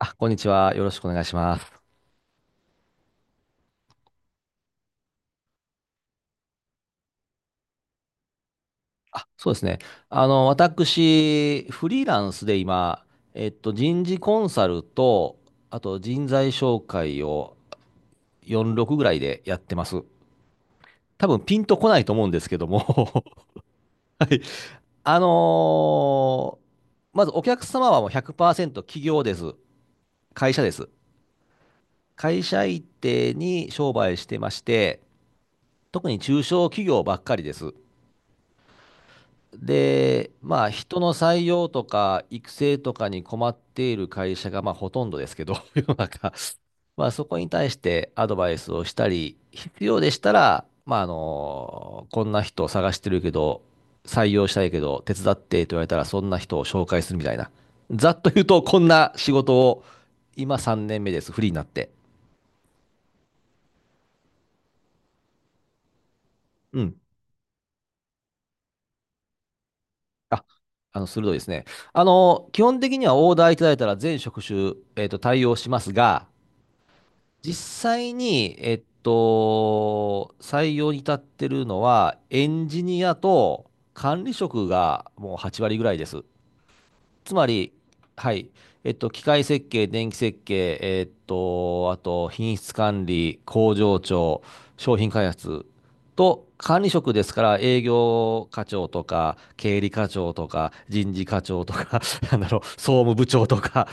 あ、こんにちは。よろしくお願いします。あ、そうですね。あの、私、フリーランスで今、人事コンサルと、あと人材紹介を46ぐらいでやってます。多分ピンとこないと思うんですけども。はい。あのーまずお客様はもう100%企業です。会社です。会社一定に商売してまして、特に中小企業ばっかりです。で、まあ、人の採用とか育成とかに困っている会社が、まあ、ほとんどですけど、世の中。まあ、そこに対してアドバイスをしたり、必要でしたら、まあ、あの、こんな人を探してるけど、採用したいけど、手伝ってと言われたら、そんな人を紹介するみたいな。ざっと言うと、こんな仕事を、今3年目です、フリーになって。うん。あ、あの、鋭いですね。あの、基本的にはオーダーいただいたら全職種、対応しますが、実際に、採用に至ってるのは、エンジニアと管理職がもう8割ぐらいです。つまり、はい、機械設計、電気設計、あと、品質管理、工場長、商品開発と、管理職ですから、営業課長とか、経理課長とか、人事課長とか、なんだろう、総務部長とか、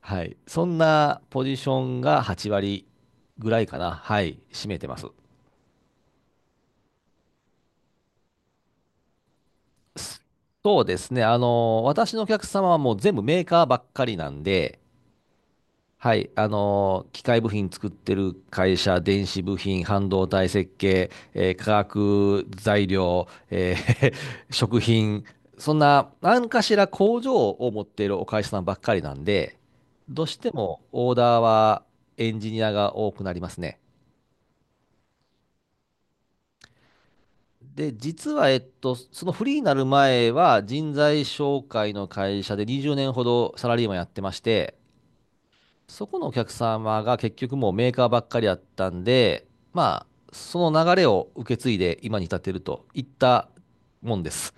はい。そんなポジションが8割ぐらいかな。はい。占めてます。すそうですね。あの、私のお客様はもう全部メーカーばっかりなんで、はい。あの、機械部品作ってる会社、電子部品、半導体設計、化学材料、食品、そんな何かしら工場を持っているお会社さんばっかりなんで、どうしてもオーダーはエンジニアが多くなりますね。で、実は、そのフリーになる前は、人材紹介の会社で20年ほどサラリーマンやってまして、そこのお客様が結局もうメーカーばっかりだったんで、まあ、その流れを受け継いで今に至っているといったもんです。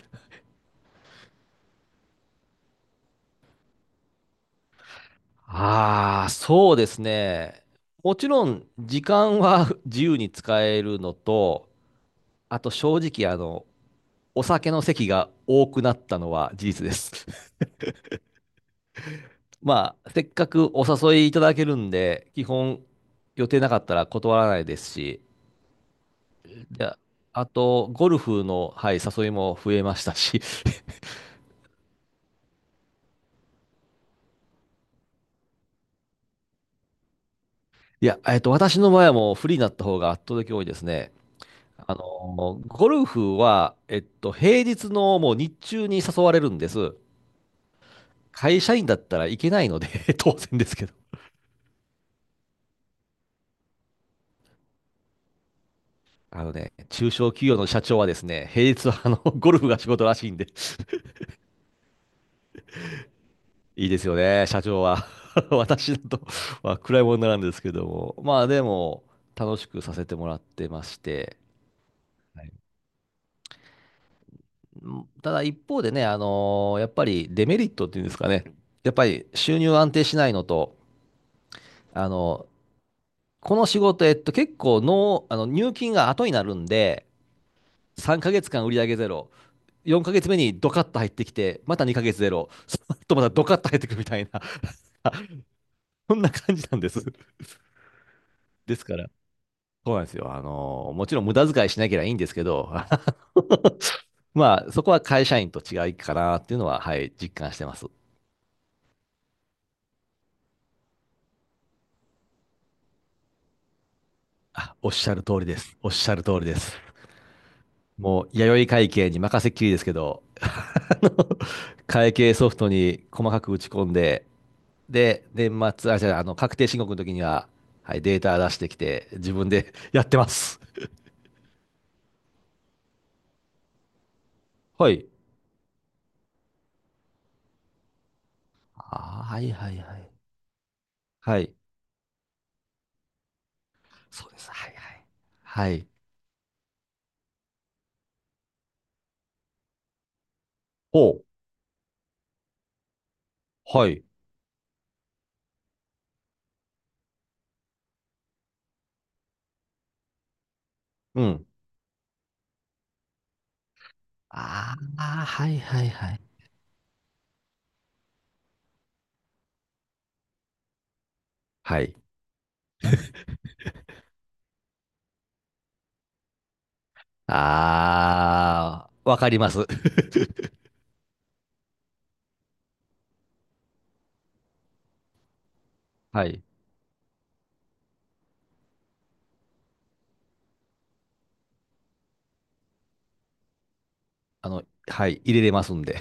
ああ、そうですね。もちろん、時間は 自由に使えるのと、あと正直、あの、お酒の席が多くなったのは事実です。まあ、せっかくお誘いいただけるんで、基本予定なかったら断らないですし、でああと、ゴルフの、はい、誘いも増えましたし、いや、私の場合はもうフリーになった方が圧倒的に多いですね。あの、ゴルフは、平日のもう日中に誘われるんです。会社員だったらいけないので 当然ですけど。あのね、中小企業の社長はですね、平日はあの、ゴルフが仕事らしいんで。いいですよね、社長は。私だとまあ暗いものなんですけども、まあでも、楽しくさせてもらってまして、はい。うん。ただ一方でね、やっぱりデメリットっていうんですかね、やっぱり収入安定しないのと、あのこの仕事、結構の、あの入金が後になるんで、3ヶ月間売上ゼロ、4ヶ月目にドカッと入ってきて、また2ヶ月ゼロ、その後またドカッと入ってくるみたいな、そんな感じなんです。ですから、そうなんですよ。あの、もちろん無駄遣いしなければいいんですけど、まあ、そこは会社員と違いかなっていうのは、はい、実感してます。あ、おっしゃる通りです。おっしゃる通りです。もう、弥生会計に任せっきりですけど、あの会計ソフトに細かく打ち込んで、で、年末、あ、じゃあ、あの、確定申告の時には、はい、データ出してきて、自分で やってます。はい。あー、はいはいはい。はい。そうです。はいはい。はい。お、はい。うん。ああ、はいはいはい。はい。ああ、わかります。はい。あの、はい。入れれますんで。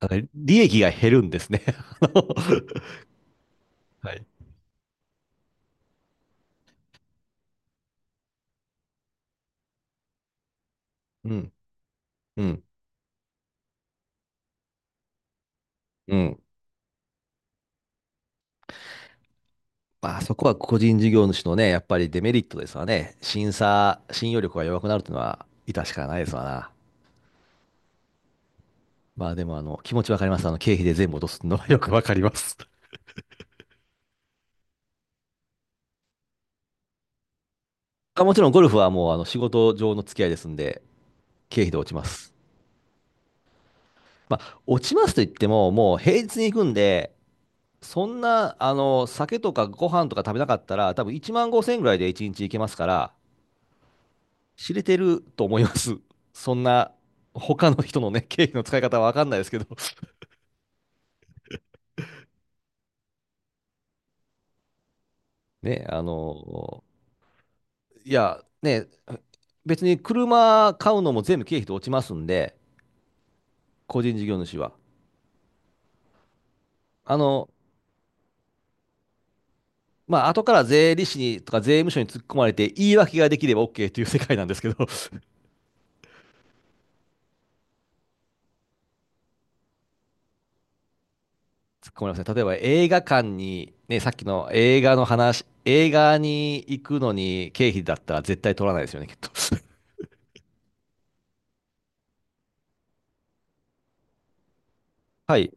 あの利益が減るんですね。あのはい。うん。うん。うん。まあ、そこは個人事業主のね、やっぱりデメリットですわね。審査、信用力が弱くなるというのは、致し方ないですわな。まあ、でも、あの、気持ちわかります。あの、経費で全部落とすのはよくわかります。あもちろん、ゴルフはもう、あの、仕事上の付き合いですんで、経費で落ちます。まあ、落ちますと言っても、もう平日に行くんで、そんな、あの、酒とかご飯とか食べなかったら、多分1万5千ぐらいで1日行けますから、知れてると思います。そんな、他の人のね、経費の使い方は分かんないですけど。ね、あの、いや、ね、別に車買うのも全部経費で落ちますんで、個人事業主は。あの、まあ、後から税理士にとか税務署に突っ込まれて言い訳ができれば OK っていう世界なんですけど。突っ込みますね。例えば映画館に、ね、さっきの映画の話、映画に行くのに経費だったら絶対取らないですよね、きっと。はい。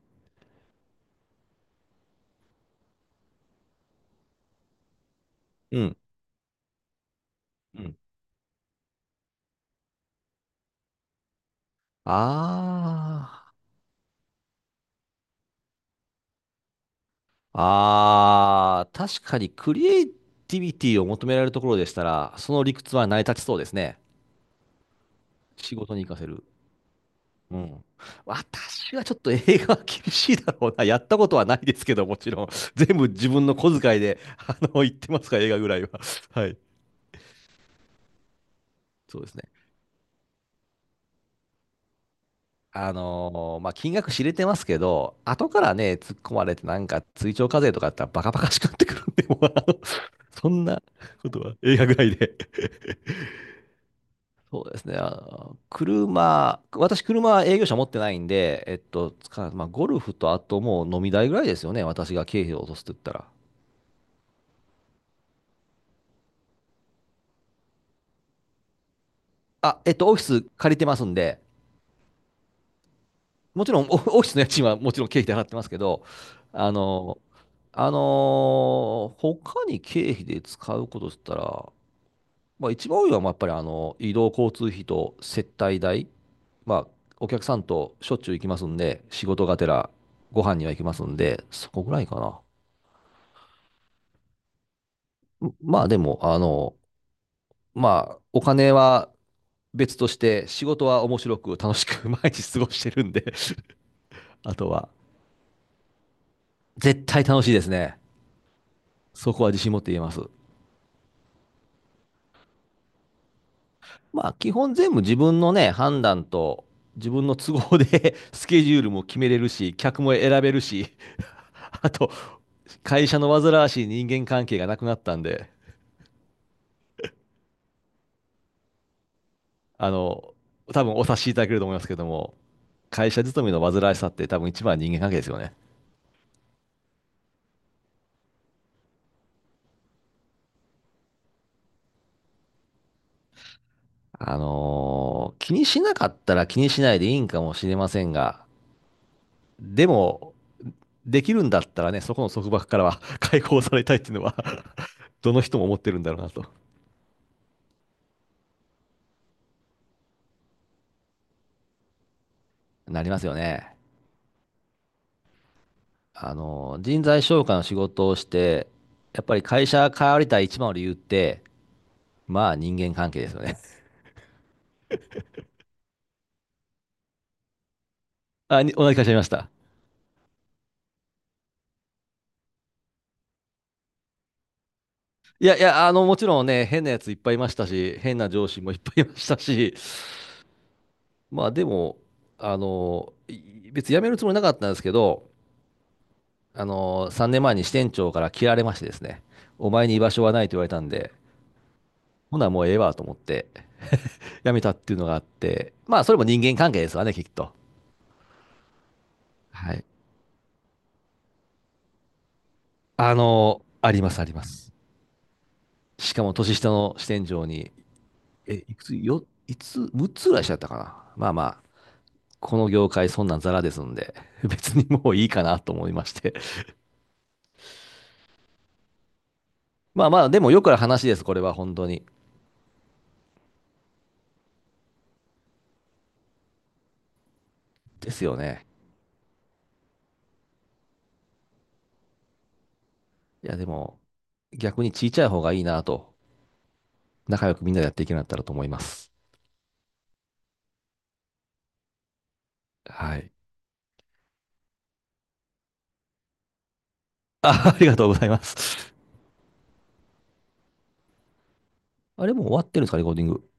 うん。うん。ああ。ああ、確かにクリエイティビティを求められるところでしたら、その理屈は成り立ちそうですね。仕事に活かせる。うん。私はちょっと映画は厳しいだろうな。やったことはないですけど、もちろん。全部自分の小遣いで、あの、行ってますから、映画ぐらいは。はい。そうですね。まあ、金額知れてますけど、後からね、突っ込まれて、なんか追徴課税とかやったらバカバカしくなってくるんで、もうあの そんなことは映画ぐらいで。そうですね、あの車、私、車は営業車持ってないんで、つかまあ、ゴルフとあともう飲み代ぐらいですよね、私が経費を落とすと言ったら。あ、オフィス借りてますんで、もちろんオオフィスの家賃はもちろん経費で払ってますけど、あのーあのー他に経費で使うことって言ったら、まあ、一番多いのは、まあやっぱりあの移動交通費と接待代、まあ、お客さんとしょっちゅう行きますんで、仕事がてらご飯には行きますんで、そこぐらいかな。まあでも、あの、まあ、お金は別として、仕事は面白く楽しく 毎日過ごしてるんで あとは、絶対楽しいですね。そこは自信持って言えます。まあ、基本全部自分のね、判断と、自分の都合で スケジュールも決めれるし、客も選べるし、あと、会社の煩わしい人間関係がなくなったんで、あの、多分お察しいただけると思いますけども、会社勤めの煩わしさって多分一番は人間関係ですよね。気にしなかったら気にしないでいいんかもしれませんが、でも、できるんだったらね、そこの束縛からは 解放されたいっていうのは どの人も思ってるんだろうなと。なりますよね。人材紹介の仕事をして、やっぱり会社変わりたい一番の理由って、まあ人間関係ですよね。あ、同じ会社いました。いやいや、あの、もちろんね、変なやついっぱいいましたし、変な上司もいっぱいいましたし、まあでも、あの、別に辞めるつもりなかったんですけど、あの、3年前に支店長から切られましてですね、お前に居場所はないと言われたんで、ほなもうええわと思って、辞めたっていうのがあって、まあそれも人間関係ですわね、きっと。はい。あの、あります、あります。しかも年下の支店長に、いくつ、よ、いつ、6つぐらいしちゃったかな。まあまこの業界そんなんザラですんで、別にもういいかなと思いまして。まあまあ、でもよくある話です、これは本当に。ですよね。いや、でも、逆にちいちゃい方がいいなと、仲良くみんなでやっていけるようになかったらと思います。はい。あ、ありがとうございます。あれもう終わってるんですか、レコーディング？